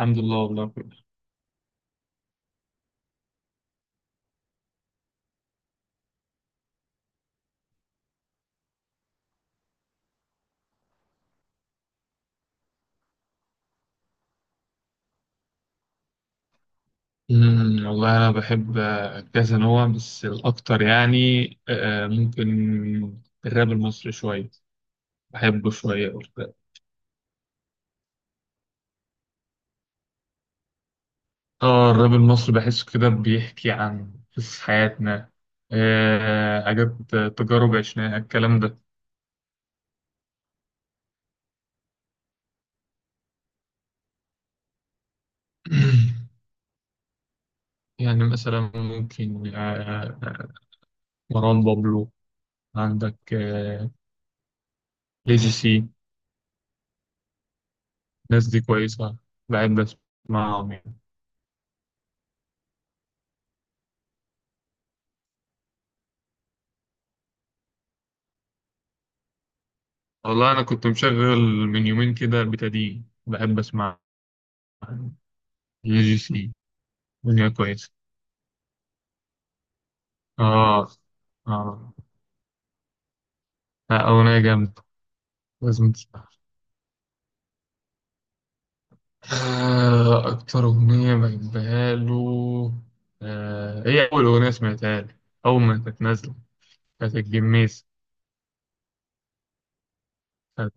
الحمد لله. والله كله. والله أنا بحب، كذا نوع، بس الأكتر يعني، ممكن الراب المصري شوية. بحبه شوية اه، الراب المصري بحسه كده بيحكي عن قصص حياتنا، حاجات، تجارب عشناها الكلام ده. يعني مثلا ممكن، آه، مروان بابلو، عندك، ليجيسي. الناس دي كويسة، بحب أسمعهم يعني. والله أنا كنت مشغل من يومين كده البتادين، بحب أسمع جي جي سي. أغنية كويسة. آه. آه. لا، أغنية جامدة، لازم تسمعها. أكتر أغنية بحبها له، هي أول أغنية سمعتها لي أول ما كانت نازلة، كانت الجميز. كانت.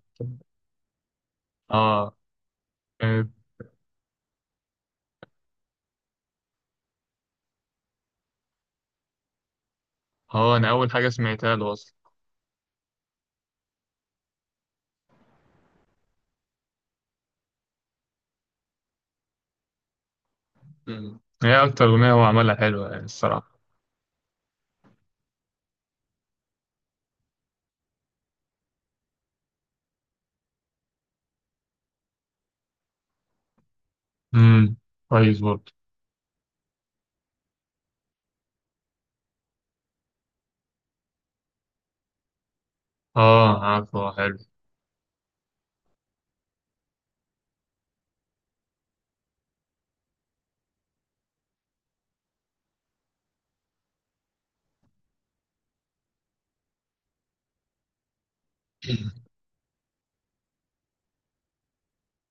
آه. كانت. أنا أول حاجة سمعتها له أصلا. مم. هي أكتر أغنية هو عملها، حلوة يعني الصراحة. امم كويس برضه. آه، عارفه، حلو.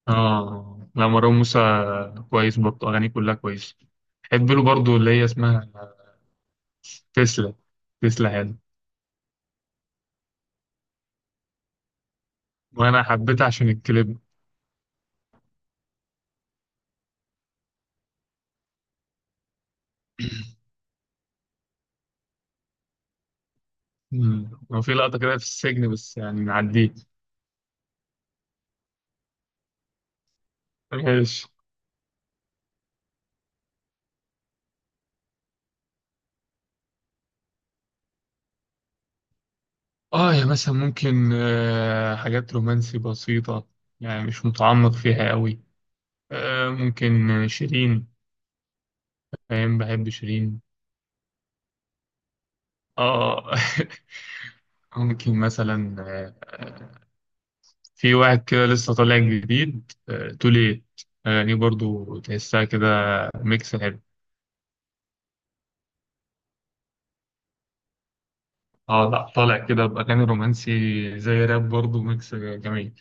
اه، لا، مروان موسى كويس برضه، اغانيه كلها كويسه. بحب له برضه اللي هي اسمها تسلا. تسلا حلو. وانا حبيتها عشان الكليب. مم. هو في لقطه كده في السجن بس يعني نعديه. ماشي. اه، يا مثلا ممكن حاجات رومانسي بسيطه، يعني مش متعمق فيها قوي. ممكن شيرين، فاهم، بحب شيرين. اه. ممكن مثلا، آه، في واحد كده لسه طالع جديد، توليت. أغانيه برضو تحسها كده ميكس حلو. اه، لا طالع كده بأغاني رومانسي زي راب برضو، ميكس جميل.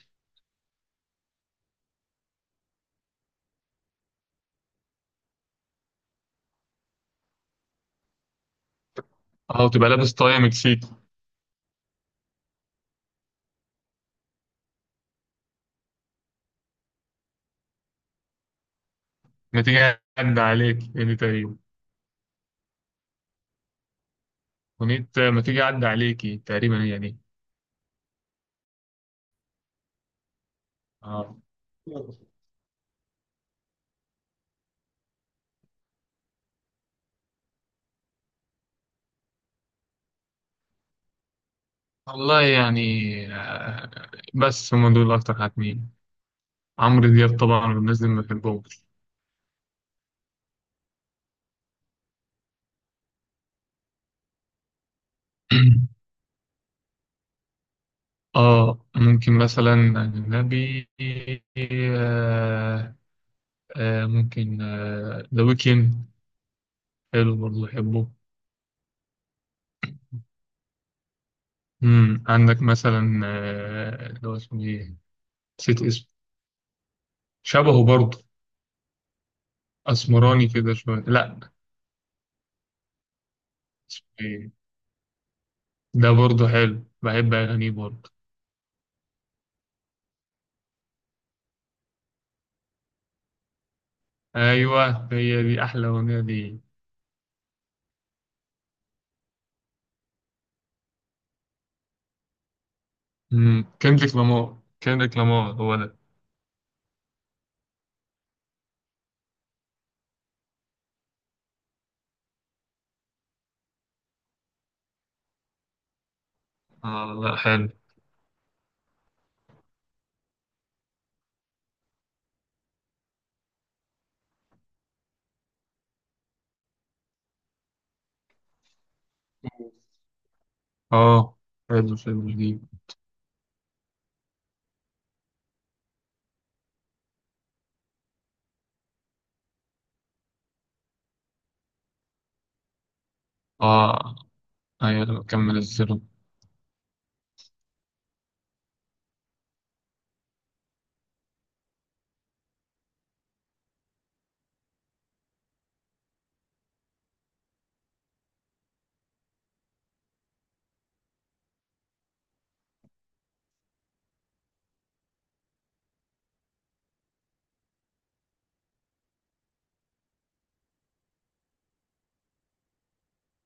اه، وتبقى لابس طاية مكسيكي. ما تيجي أعدي عليك، هي دي تقريبا. أغنية ما تيجي أعدي عليكي، تقريبا هي دي. اه، والله يعني، آه، بس هم دول أكتر حاجتين. عمرو دياب طبعا، والناس دي ما بحبهمش. اه، ممكن مثلا أجنبي، آه ممكن ذا ويكند، حلو برضه، بحبه. مم. عندك مثلا، اللي هو اسمه ايه؟ نسيت اسمه. شبهه برضه، أسمراني كده شوية. لا. اسمه ايه؟ ده برضه حلو، بحب أغانيه برضه. أيوه، هي دي أحلى أغنية دي. مم. كندريك لامار. كندريك لامار هو ده. آه، لا، حلو. اه، حلو، فيلم جديد. اه، ايوه لما كمل الزيرو.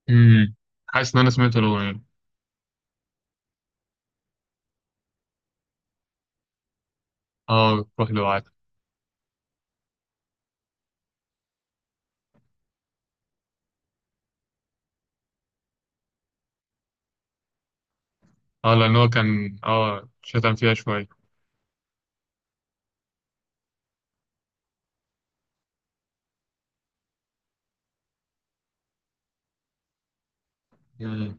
امم حاسس ان انا سمعت الاغنيه. اه، روح لوعدك. اه، لان هو كان شتم فيها شويه. مم.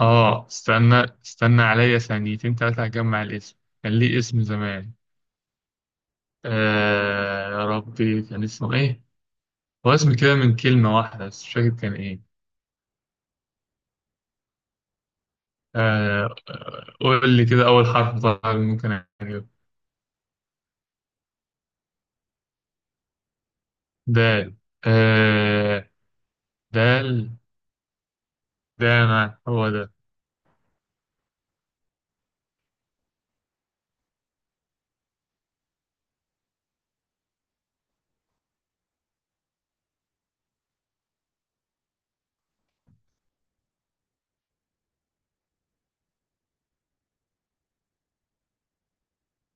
اه، استنى، استنى عليا ثانيتين تلاته هجمع الاسم. كان ليه اسم زمان. آه يا ربي، كان اسمه ايه؟ هو اسم كده من كلمه واحده بس، مش فاكر كان ايه. آه. قول لي كده اول حرف، طبعا ممكن اجيبه. دال. آه. دال. داما هو.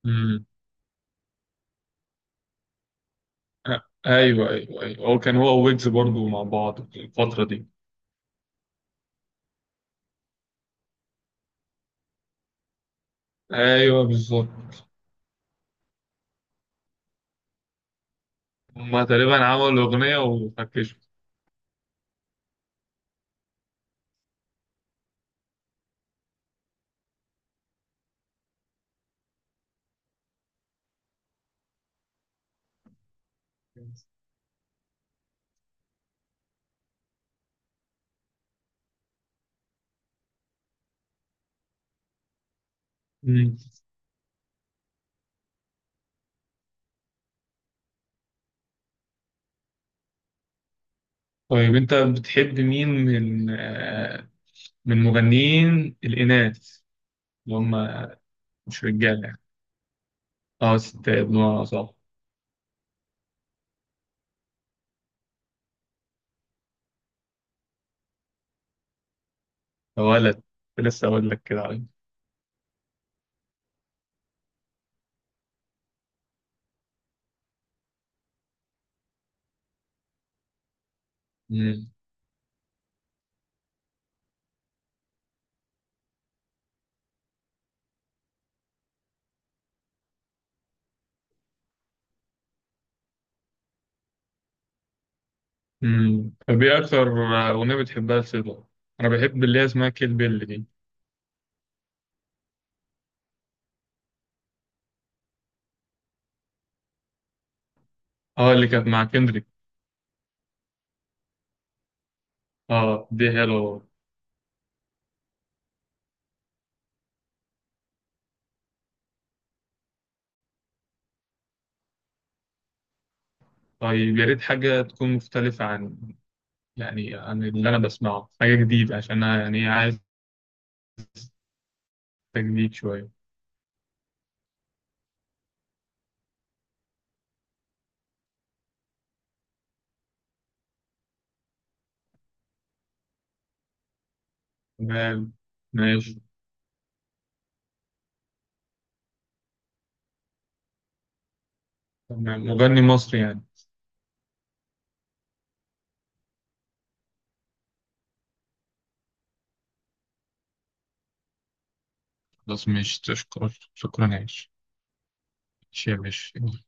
ده ايوه ايوه ايوه، هو كان هو ويجز برضو مع بعض في الفترة دي. ايوه بالظبط، هما تقريبا عملوا اغنية وفكشوا. مم. طيب انت بتحب مين من مغنيين الاناث، اللي هم مش رجاله يعني؟ اه، ستات بمعنى صح. ولد. لسه اقول لك كده عليه. مم. مم. طب ايه اكتر اغنيه بتحبها لسيدو؟ انا بحب اللي هي اسمها كيل بيل دي. اه، اللي كانت مع كندريك. اه، دي حلوه. طيب يا ريت حاجة تكون مختلفة، عن يعني عن اللي أنا بسمعه، حاجة جديدة عشان أنا يعني إيه عايز تجديد شوية. تمام، ماشي. تمام، مغني مصري يعني. خلاص ماشي، تشكر، شكرا عايش. ماشي يا باشا.